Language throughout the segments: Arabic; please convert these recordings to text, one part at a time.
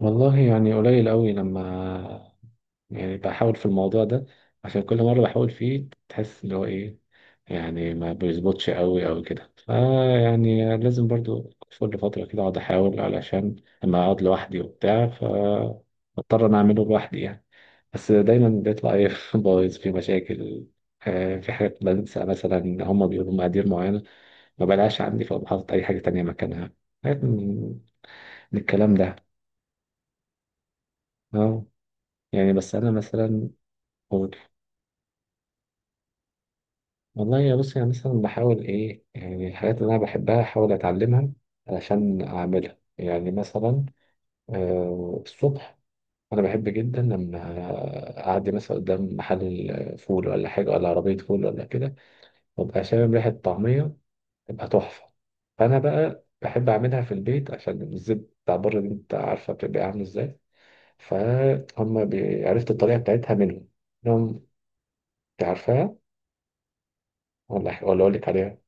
والله يعني قليل قوي لما بحاول في الموضوع ده، عشان كل مرة بحاول فيه تحس اللي هو ايه، يعني ما بيظبطش قوي او كده، فيعني لازم برضو كل فترة كده اقعد احاول، علشان لما اقعد لوحدي وبتاع فاضطر انا اعمله لوحدي يعني. بس دايما بيطلع ايه بايظ، في مشاكل. في حاجات بنسى، مثلا هما بيقولوا مقادير معينة ما بلاقيهاش عندي، فبحط اي حاجة تانية مكانها. حاجات من الكلام ده. اه، يعني بس أنا مثلا أقول، والله يا بص يعني مثلا بحاول إيه، يعني الحاجات اللي أنا بحبها أحاول أتعلمها علشان أعملها، يعني مثلا الصبح أنا بحب جدا لما أعدي مثلا قدام محل فول ولا حاجة، ولا عربية فول ولا كده، وأبقى شامم ريحة طعمية تبقى تحفة. فأنا بقى بحب أعملها في البيت، عشان الزيت بتاع بره دي أنت عارفة بتبقى عامل إزاي. فهم عرفت الطريقة بتاعتها منهم. إنهم- أنت عارفاها ولا أقول لك عليها؟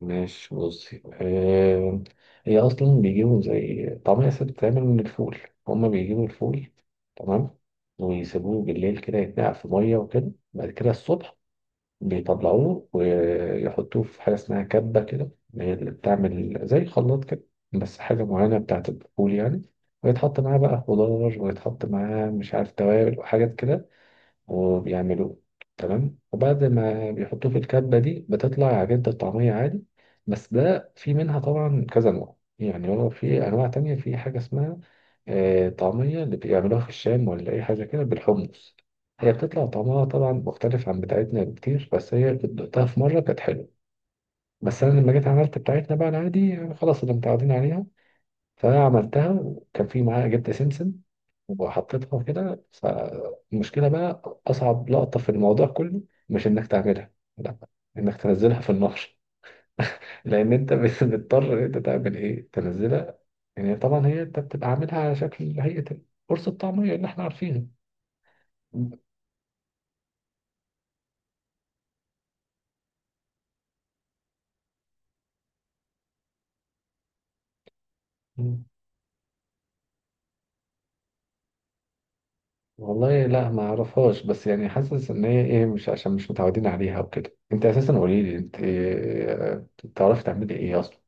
ماشي بصي. هي أصلا بيجيبوا زي طعمية ست، بتتعمل من الفول، هما بيجيبوا الفول تمام، ويسيبوه بالليل كده يتنقع في مية وكده. بعد كده الصبح بيطلعوه ويحطوه في حاجة اسمها كبة كده، هي اللي بتعمل زي خلاط كده، بس حاجة معينة بتاعت الفول يعني. ويتحط معاه بقى خضار، ويتحط معاه مش عارف توابل وحاجات كده، وبيعملوه. تمام، وبعد ما بيحطوه في الكبة دي بتطلع عجينة الطعمية عادي. بس ده في منها طبعا كذا نوع، يعني هو في أنواع تانية، في حاجة اسمها طعمية اللي بيعملوها في الشام ولا أي حاجة كده بالحمص. هي بتطلع طعمها طبعا مختلف عن بتاعتنا بكتير، بس هي كنت دقتها في مرة كانت حلوة. بس أنا لما جيت عملت بتاعتنا بقى العادي، يعني خلاص اللي متعودين عليها. فعملتها وكان في معاها جبت سمسم، وحطيتها كده. فالمشكلة بقى أصعب لقطة في الموضوع كله مش إنك تعملها، لا، إنك تنزلها في النقش. لأن أنت بتضطر إن أنت تعمل إيه، تنزلها. يعني طبعا هي أنت بتبقى عاملها على شكل هيئة قرص الطعمية اللي إحنا عارفينها. م. والله لا ما أعرفهاش، بس يعني حاسس إن هي إيه، مش عشان مش متعودين عليها وكده. أنت أساسا قولي لي أنت بتعرفي تعملي إيه أصلا؟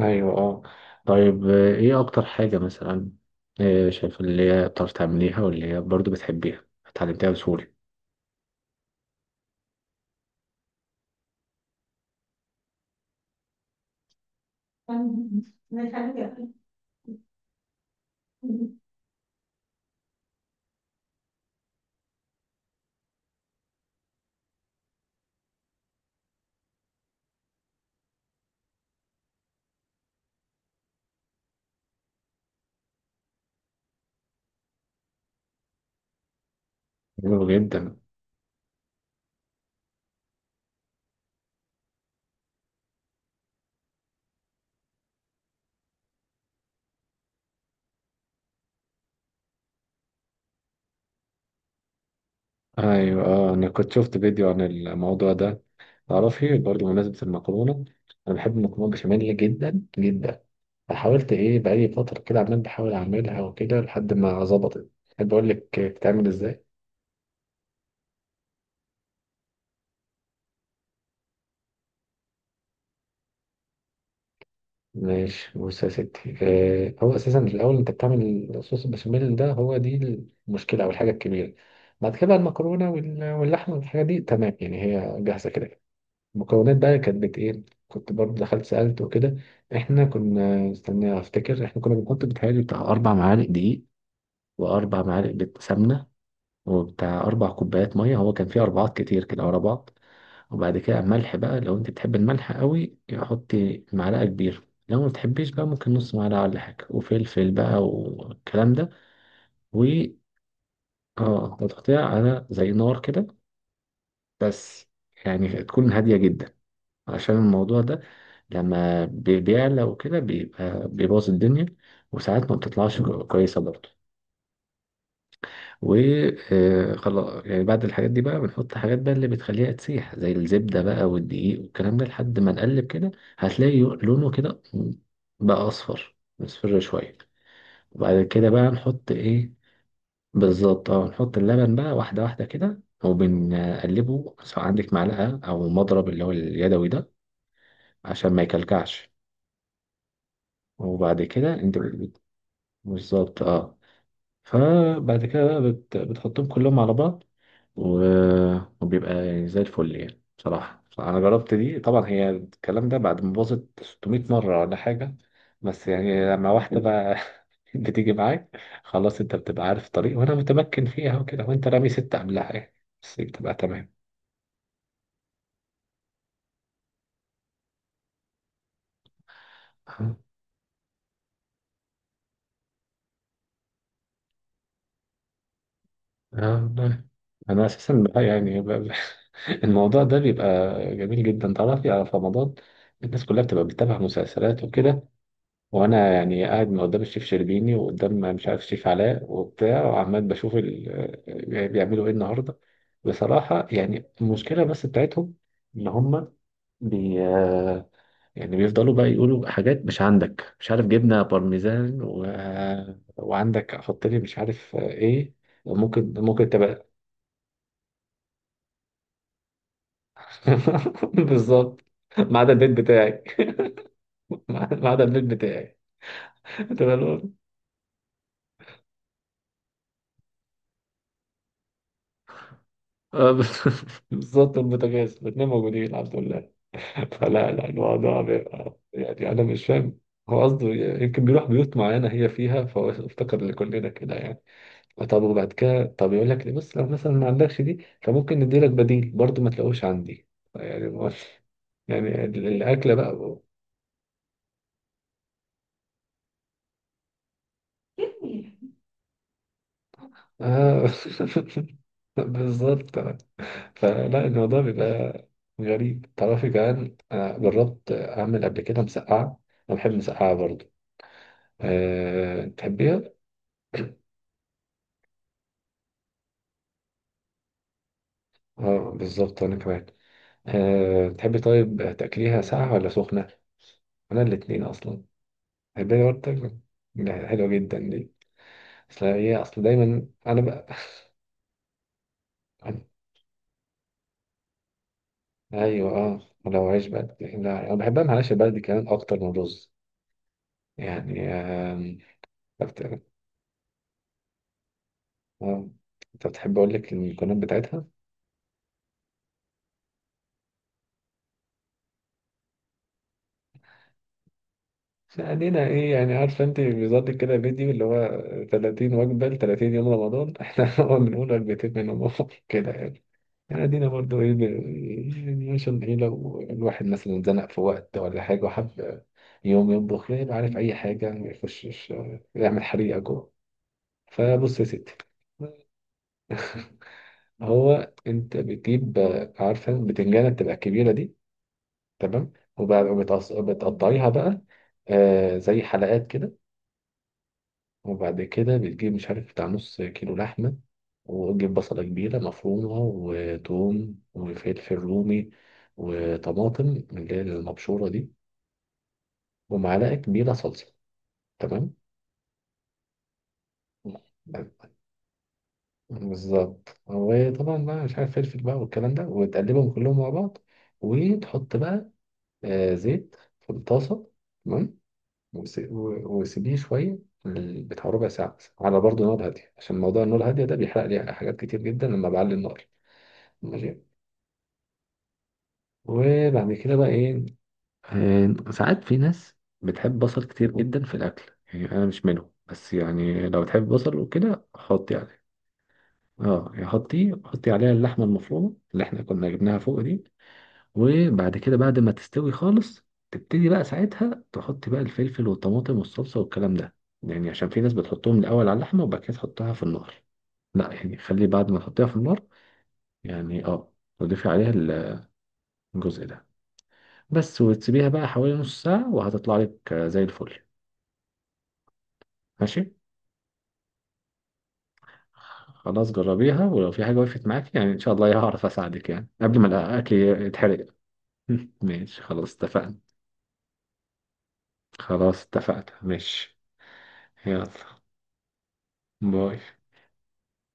ايوه اه. طيب، ايه اكتر حاجة مثلا شايف اللي هي بتعرف تعمليها، واللي هي برضو بتحبيها اتعلمتيها بسهولة؟ حلو جدا. ايوه اه، انا كنت شفت فيديو عن الموضوع ده. تعرفي برضو بمناسبة المكرونة، انا بحب المكرونة بشاميل جدا جدا. فحاولت ايه، بقالي فترة كده عمال بحاول اعملها وكده لحد ما ظبطت. احب اقول لك بتتعمل ازاي؟ ماشي بص يا ستي. هو اساسا الاول انت بتعمل صوص البشاميل ده، هو دي المشكله او الحاجه الكبيره. بعد كده بقى المكرونه واللحمه والحاجه دي تمام، يعني هي جاهزه كده. المكونات بقى كانت بت ايه؟ كنت برضه دخلت سالت وكده. احنا كنا استنى، افتكر احنا كنا بنحط بتهيألي بتاع 4 معالق دقيق، واربع معالق سمنه، وبتاع 4 كوبايات ميه. هو كان فيه اربعات كتير كده ورا بعض. وبعد كده ملح بقى، لو انت بتحب الملح قوي حطي معلقة كبيرة، لو ما بتحبيش بقى ممكن نص معلقة ولا حاجة، وفلفل بقى والكلام ده. و اه، هتحطيها على زي نار كده، بس يعني تكون هادية جدا، عشان الموضوع ده لما بيعلى وكده بيبقى بيبوظ الدنيا، وساعات ما بتطلعش كويسة برضه. وخلاص، يعني بعد الحاجات دي بقى بنحط حاجات بقى اللي بتخليها تسيح، زي الزبدة بقى والدقيق والكلام ده، لحد ما نقلب كده. هتلاقي لونه كده بقى أصفر، مصفر شوية. وبعد كده بقى نحط إيه؟ بالظبط اه، نحط اللبن بقى واحدة واحدة كده، وبنقلبه سواء عندك معلقة أو مضرب اللي هو اليدوي ده، عشان ما يكلكعش. وبعد كده انت بالظبط اه. فبعد كده بقى بتحطهم كلهم على بعض، وبيبقى يعني زي الفل. يعني بصراحة أنا جربت دي طبعا، هي الكلام ده بعد ما باظت 600 مرة ولا حاجة. بس يعني لما واحدة بقى بتيجي معاك خلاص، أنت بتبقى عارف الطريق وأنا متمكن فيها وكده، وأنت رامي ستة قبلها يعني، بس بتبقى تمام. والله أنا أساسا بقى يعني الموضوع ده بيبقى جميل جدا. تعرفي على في رمضان الناس كلها بتبقى بتتابع مسلسلات وكده، وانا يعني قاعد من قدام الشيف شربيني وقدام مش عارف الشيف علاء وبتاع، وعمال بشوف ال... آه، يعني بيعملوا ايه النهارده. بصراحه يعني المشكله بس بتاعتهم ان هم بي آه، يعني بيفضلوا بقى يقولوا حاجات مش عندك، مش عارف جبنه بارميزان و... آه، وعندك حط لي مش عارف ايه. ممكن تبقى بالظبط. ما عدا البيت بتاعي ما عدا البيت بتاعي تبقى الأول. آه، بالظبط، البوتاجاز الاثنين موجودين الحمد لله. فلا لا الموضوع بيبقى، يعني أنا مش فاهم هو قصده، يمكن بيروح بيوت معينة هي فيها فهو افتكر لكلنا كده يعني. طب وبعد كده، طب يقول لك ليه بص، لو مثلا ما عندكش دي فممكن نديلك بديل، برضو ما تلاقوش عندي. يعني يعني الأكلة بقى آه. بالظبط. فلا الموضوع بيبقى غريب. تعرفي كمان أنا جربت أعمل قبل كده مسقعة، أنا بحب مسقعة برضو. أه تحبيها؟ اه بالظبط أنا كمان. أه تحبي طيب تأكليها ساقعة ولا سخنة؟ أنا الاتنين أصلا. تحبيها برضه تاكل؟ لا، حلوة جدا دي. أصل هي، أصل دايما أنا بقى أيوة أه، ولو عيش بقى لا أنا بحبها مع العيش البلدي كمان أكتر من الرز يعني آم، أكتر. أه، أنت بتحب أقول لك المكونات بتاعتها؟ علينا ايه يعني عارفه انت، بيظبط كده فيديو اللي هو 30 وجبه ل 30 يوم رمضان احنا هو بنقول وجبتين منهم كده يعني. يعني ادينا برضو ايه يعني عشان ايه، لو الواحد مثلا اتزنق في وقت ولا حاجه وحب يوم يطبخ يبقى عارف اي حاجه ما يخشش يعمل حريقه جوه. فبص يا ستي، هو انت بتجيب عارفه البتنجانه بتبقى الكبيره دي، تمام، وبتقطعيها بقى آه زي حلقات كده. وبعد كده بتجيب مش عارف بتاع نص كيلو لحمة، وتجيب بصلة كبيرة مفرومة وتوم وفلفل رومي، وطماطم اللي هي المبشورة دي، ومعلقة كبيرة صلصة. تمام. بالظبط، وطبعا بقى مش عارف فلفل بقى والكلام ده، وتقلبهم كلهم مع بعض. وتحط بقى زيت في الطاسة، تمام. وسيبيه شوية، بتاع ربع ساعة مثلا، على برضه نار هادية، عشان موضوع النار الهادية ده بيحرق لي حاجات كتير جدا لما بعلي النار. ماشي. وبعد كده بقى ايه؟ ساعات في ناس بتحب بصل كتير جدا في الاكل، يعني انا مش منهم، بس يعني لو تحب بصل وكده حطي عليه. اه يعني حطي عليها اللحمه المفرومه اللي احنا كنا جبناها فوق دي. وبعد كده بعد ما تستوي خالص، تبتدي بقى ساعتها تحطي بقى الفلفل والطماطم والصلصه والكلام ده، يعني عشان في ناس بتحطهم الاول على اللحمه وبعد كده تحطها في النار. لا، يعني خلي بعد ما تحطيها في النار، يعني اه، تضيفي عليها الجزء ده بس. وتسيبيها بقى حوالي نص ساعة، وهتطلع لك زي الفل. ماشي. خلاص جربيها، ولو في حاجة وقفت معاك يعني إن شاء الله هعرف أساعدك، يعني قبل ما الأكل يتحرق. ماشي خلاص اتفقنا. خلاص اتفقنا ماشي. يلا، باي.